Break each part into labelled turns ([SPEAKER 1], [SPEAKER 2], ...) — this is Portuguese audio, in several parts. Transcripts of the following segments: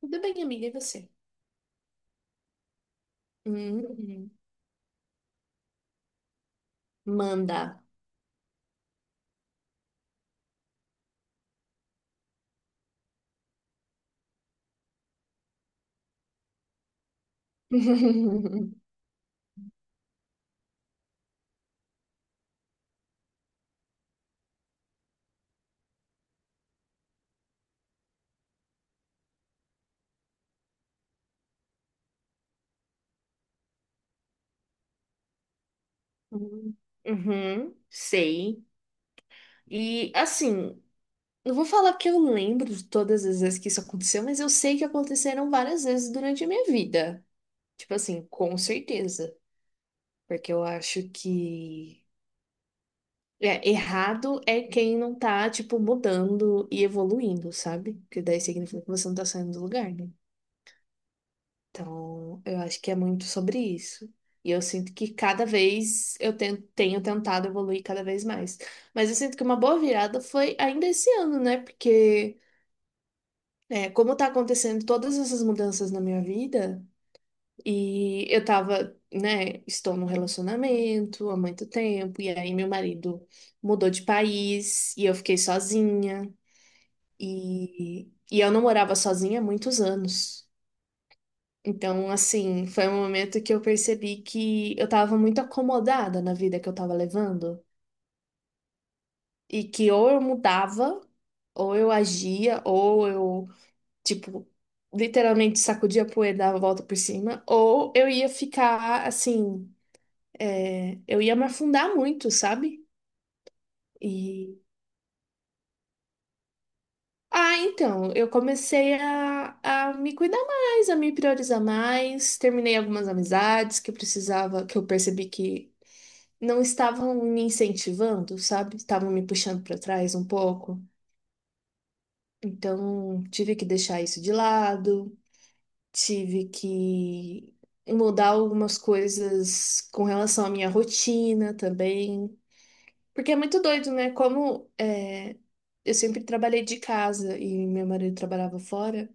[SPEAKER 1] Tudo bem, amiga, e você? Hum, manda. Uhum, uhum, sei. E assim, não vou falar que eu lembro de todas as vezes que isso aconteceu, mas eu sei que aconteceram várias vezes durante a minha vida. Tipo assim, com certeza. Porque eu acho que errado é quem não tá, tipo, mudando e evoluindo, sabe? Porque daí significa que você não tá saindo do lugar, né? Então, eu acho que é muito sobre isso. E eu sinto que cada vez eu tenho tentado evoluir cada vez mais. Mas eu sinto que uma boa virada foi ainda esse ano, né? Porque, como tá acontecendo todas essas mudanças na minha vida, e eu tava, né, estou num relacionamento há muito tempo, e aí meu marido mudou de país, e eu fiquei sozinha, e, e eu não morava sozinha há muitos anos. Então, assim, foi um momento que eu percebi que eu tava muito acomodada na vida que eu tava levando e que ou eu mudava, ou eu agia, ou eu, tipo, literalmente sacudia a poeira, dava a volta por cima, ou eu ia ficar, assim, eu ia me afundar muito, sabe? E. Ah, então, eu comecei a me cuidar mais, a me priorizar mais, terminei algumas amizades que eu precisava, que eu percebi que não estavam me incentivando, sabe? Estavam me puxando para trás um pouco. Então, tive que deixar isso de lado, tive que mudar algumas coisas com relação à minha rotina também. Porque é muito doido, né? Como é, eu sempre trabalhei de casa e meu marido trabalhava fora.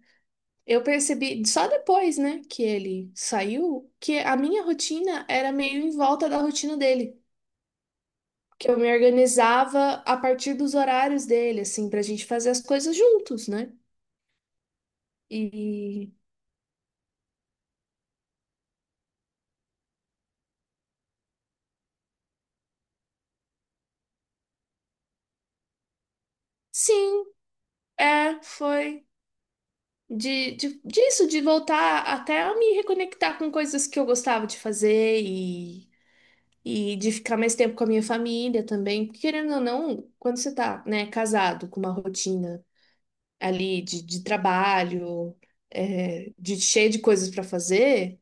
[SPEAKER 1] Eu percebi só depois, né, que ele saiu, que a minha rotina era meio em volta da rotina dele. Que eu me organizava a partir dos horários dele, assim, pra gente fazer as coisas juntos, né? E sim, foi disso, de voltar até a me reconectar com coisas que eu gostava de fazer e de ficar mais tempo com a minha família também. Porque, querendo ou não, quando você tá, né, casado com uma rotina ali de trabalho, de cheio de coisas pra fazer.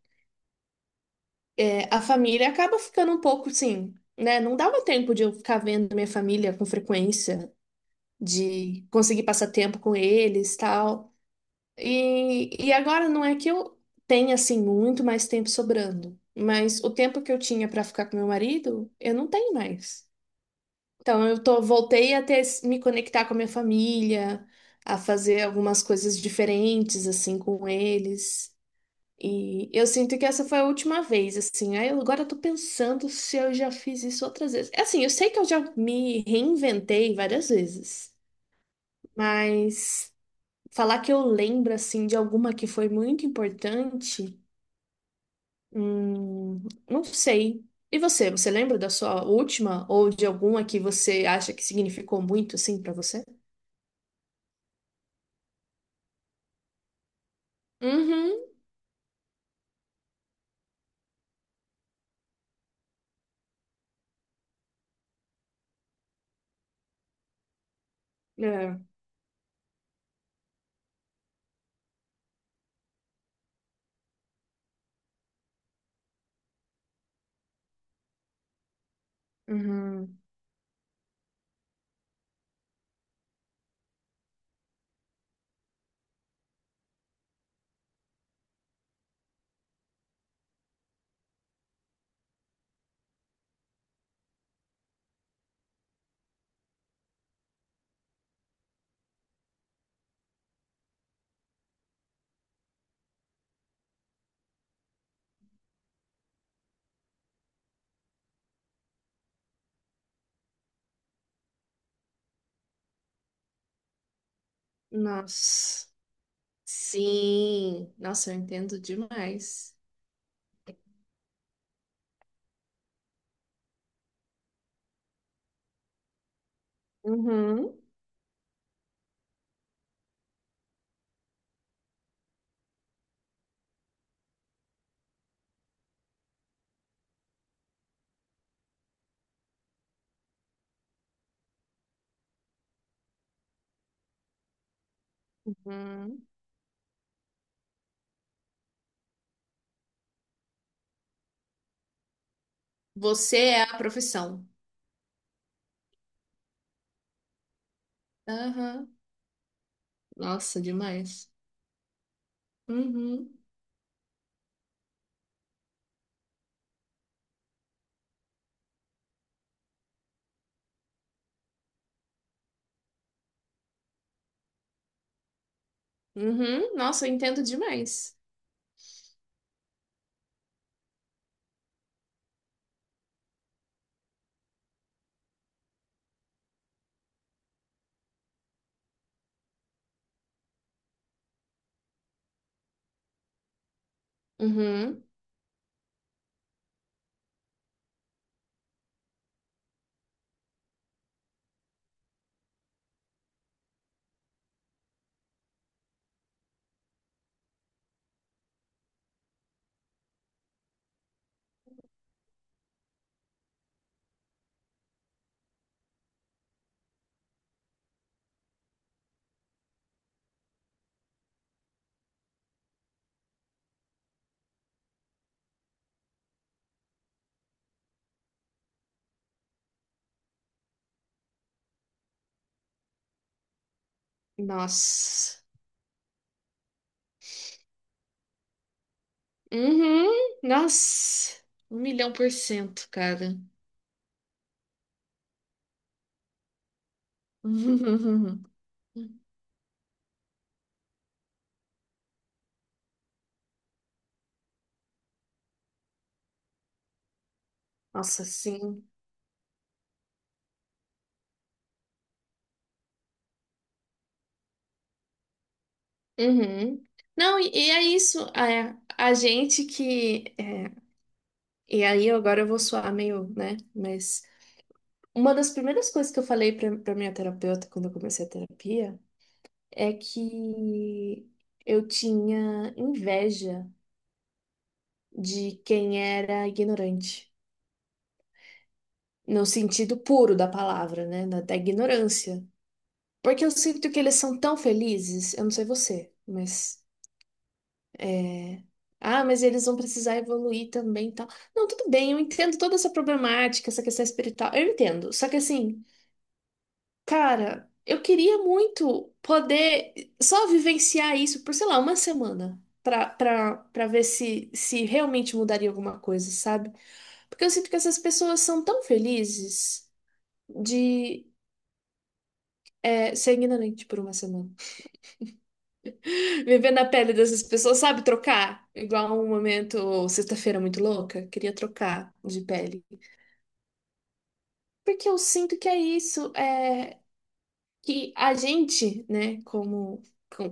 [SPEAKER 1] A família acaba ficando um pouco assim, né? Não dava tempo de eu ficar vendo minha família com frequência, de conseguir passar tempo com eles, tal. E agora não é que eu tenha assim muito mais tempo sobrando, mas o tempo que eu tinha para ficar com meu marido, eu não tenho mais. Então eu tô, voltei a ter, me conectar com a minha família, a fazer algumas coisas diferentes assim com eles. E eu sinto que essa foi a última vez, assim. Aí eu agora tô pensando se eu já fiz isso outras vezes. É. Assim, eu sei que eu já me reinventei várias vezes, mas falar que eu lembro, assim, de alguma que foi muito importante, hum, não sei. E você, você lembra da sua última ou de alguma que você acha que significou muito, assim, pra você? Uhum. É. Uhum. Nossa. Sim. Nossa, eu entendo demais. Uhum. Hum. Você é a profissão. Aham. Nossa, demais. Uhum. Uhum. Nossa, eu entendo demais. Uhum. Nossa. Uhum. Nossa. Um milhão por cento, cara. Uhum. Nossa, sim. Uhum. Não, e é isso. É, a gente que. E aí, agora eu vou soar meio, né? Mas uma das primeiras coisas que eu falei pra minha terapeuta quando eu comecei a terapia. É que eu tinha inveja de quem era ignorante, no sentido puro da palavra, né? Da ignorância. Porque eu sinto que eles são tão felizes, eu não sei você, mas. é, Ah, mas eles vão precisar evoluir também e tal. Não, tudo bem, eu entendo toda essa problemática, essa questão espiritual. Eu entendo. Só que assim, cara, eu queria muito poder só vivenciar isso por, sei lá, uma semana. Pra ver se realmente mudaria alguma coisa, sabe? Porque eu sinto que essas pessoas são tão felizes de ser ignorante por uma semana. Viver na pele dessas pessoas, sabe? Trocar. Igual um momento, sexta-feira muito louca, queria trocar de pele. Porque eu sinto que é isso. Que a gente, né, como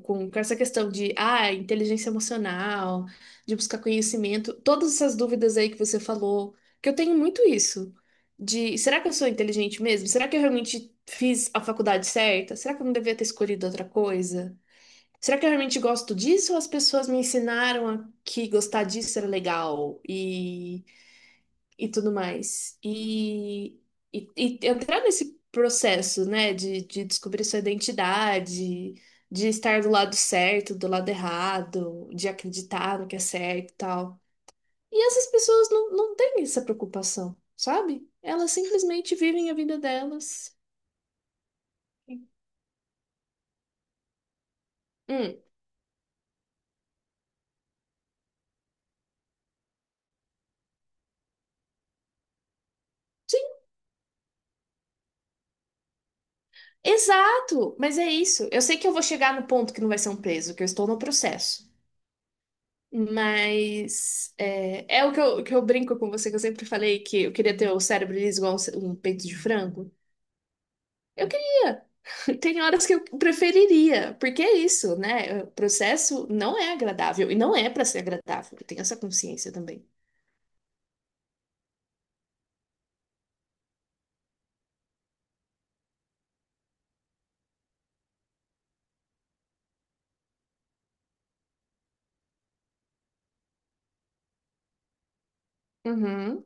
[SPEAKER 1] com, com essa questão de inteligência emocional, de buscar conhecimento, todas essas dúvidas aí que você falou, que eu tenho muito isso, de será que eu sou inteligente mesmo? Será que eu realmente fiz a faculdade certa? Será que eu não devia ter escolhido outra coisa? Será que eu realmente gosto disso ou as pessoas me ensinaram a que gostar disso era legal? E tudo mais. E entrar nesse processo, né, de descobrir sua identidade, de estar do lado certo, do lado errado, de acreditar no que é certo e tal. E essas pessoas não, não têm essa preocupação, sabe? Elas simplesmente vivem a vida delas. Hum. Sim, exato, mas é isso. Eu sei que eu vou chegar no ponto que não vai ser um preso, que eu estou no processo. Mas é o que eu brinco com você, que eu sempre falei que eu queria ter o cérebro liso igual um peito de frango. Eu queria. Tem horas que eu preferiria, porque é isso, né? O processo não é agradável e não é para ser agradável. Eu tenho essa consciência também. Uhum.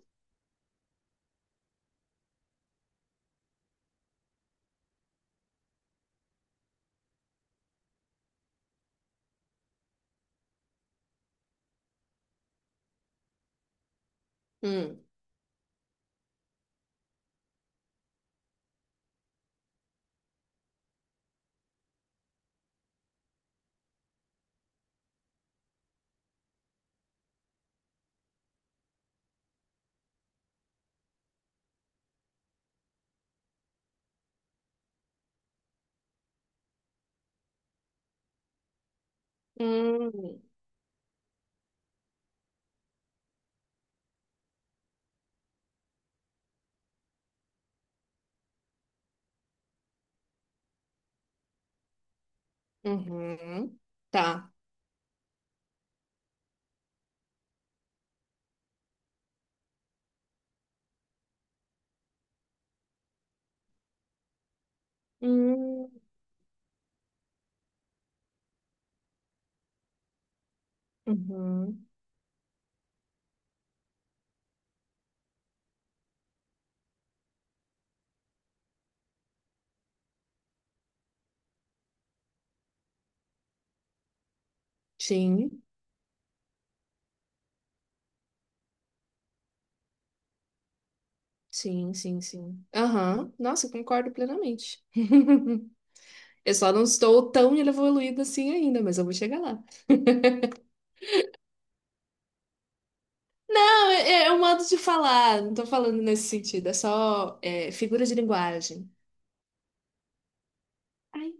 [SPEAKER 1] Hum. Hum. Uhum. Tá. Hum. Uhum. Sim. Sim, sim, sim. Aham. Nossa, eu concordo plenamente. Eu só não estou tão evoluída assim ainda, mas eu vou chegar lá. Não, é, é um modo de falar, não tô falando nesse sentido, é só figura de linguagem. Ai.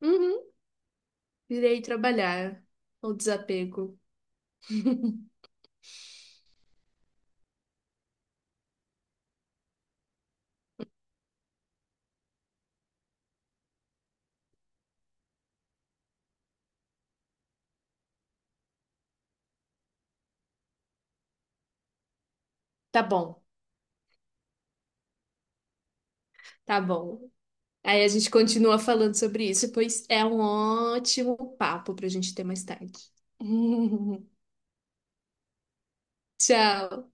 [SPEAKER 1] Uhum. Irei trabalhar. O desapego. Tá bom, tá bom. Aí a gente continua falando sobre isso, pois é um ótimo papo pra gente ter mais tarde. Tchau.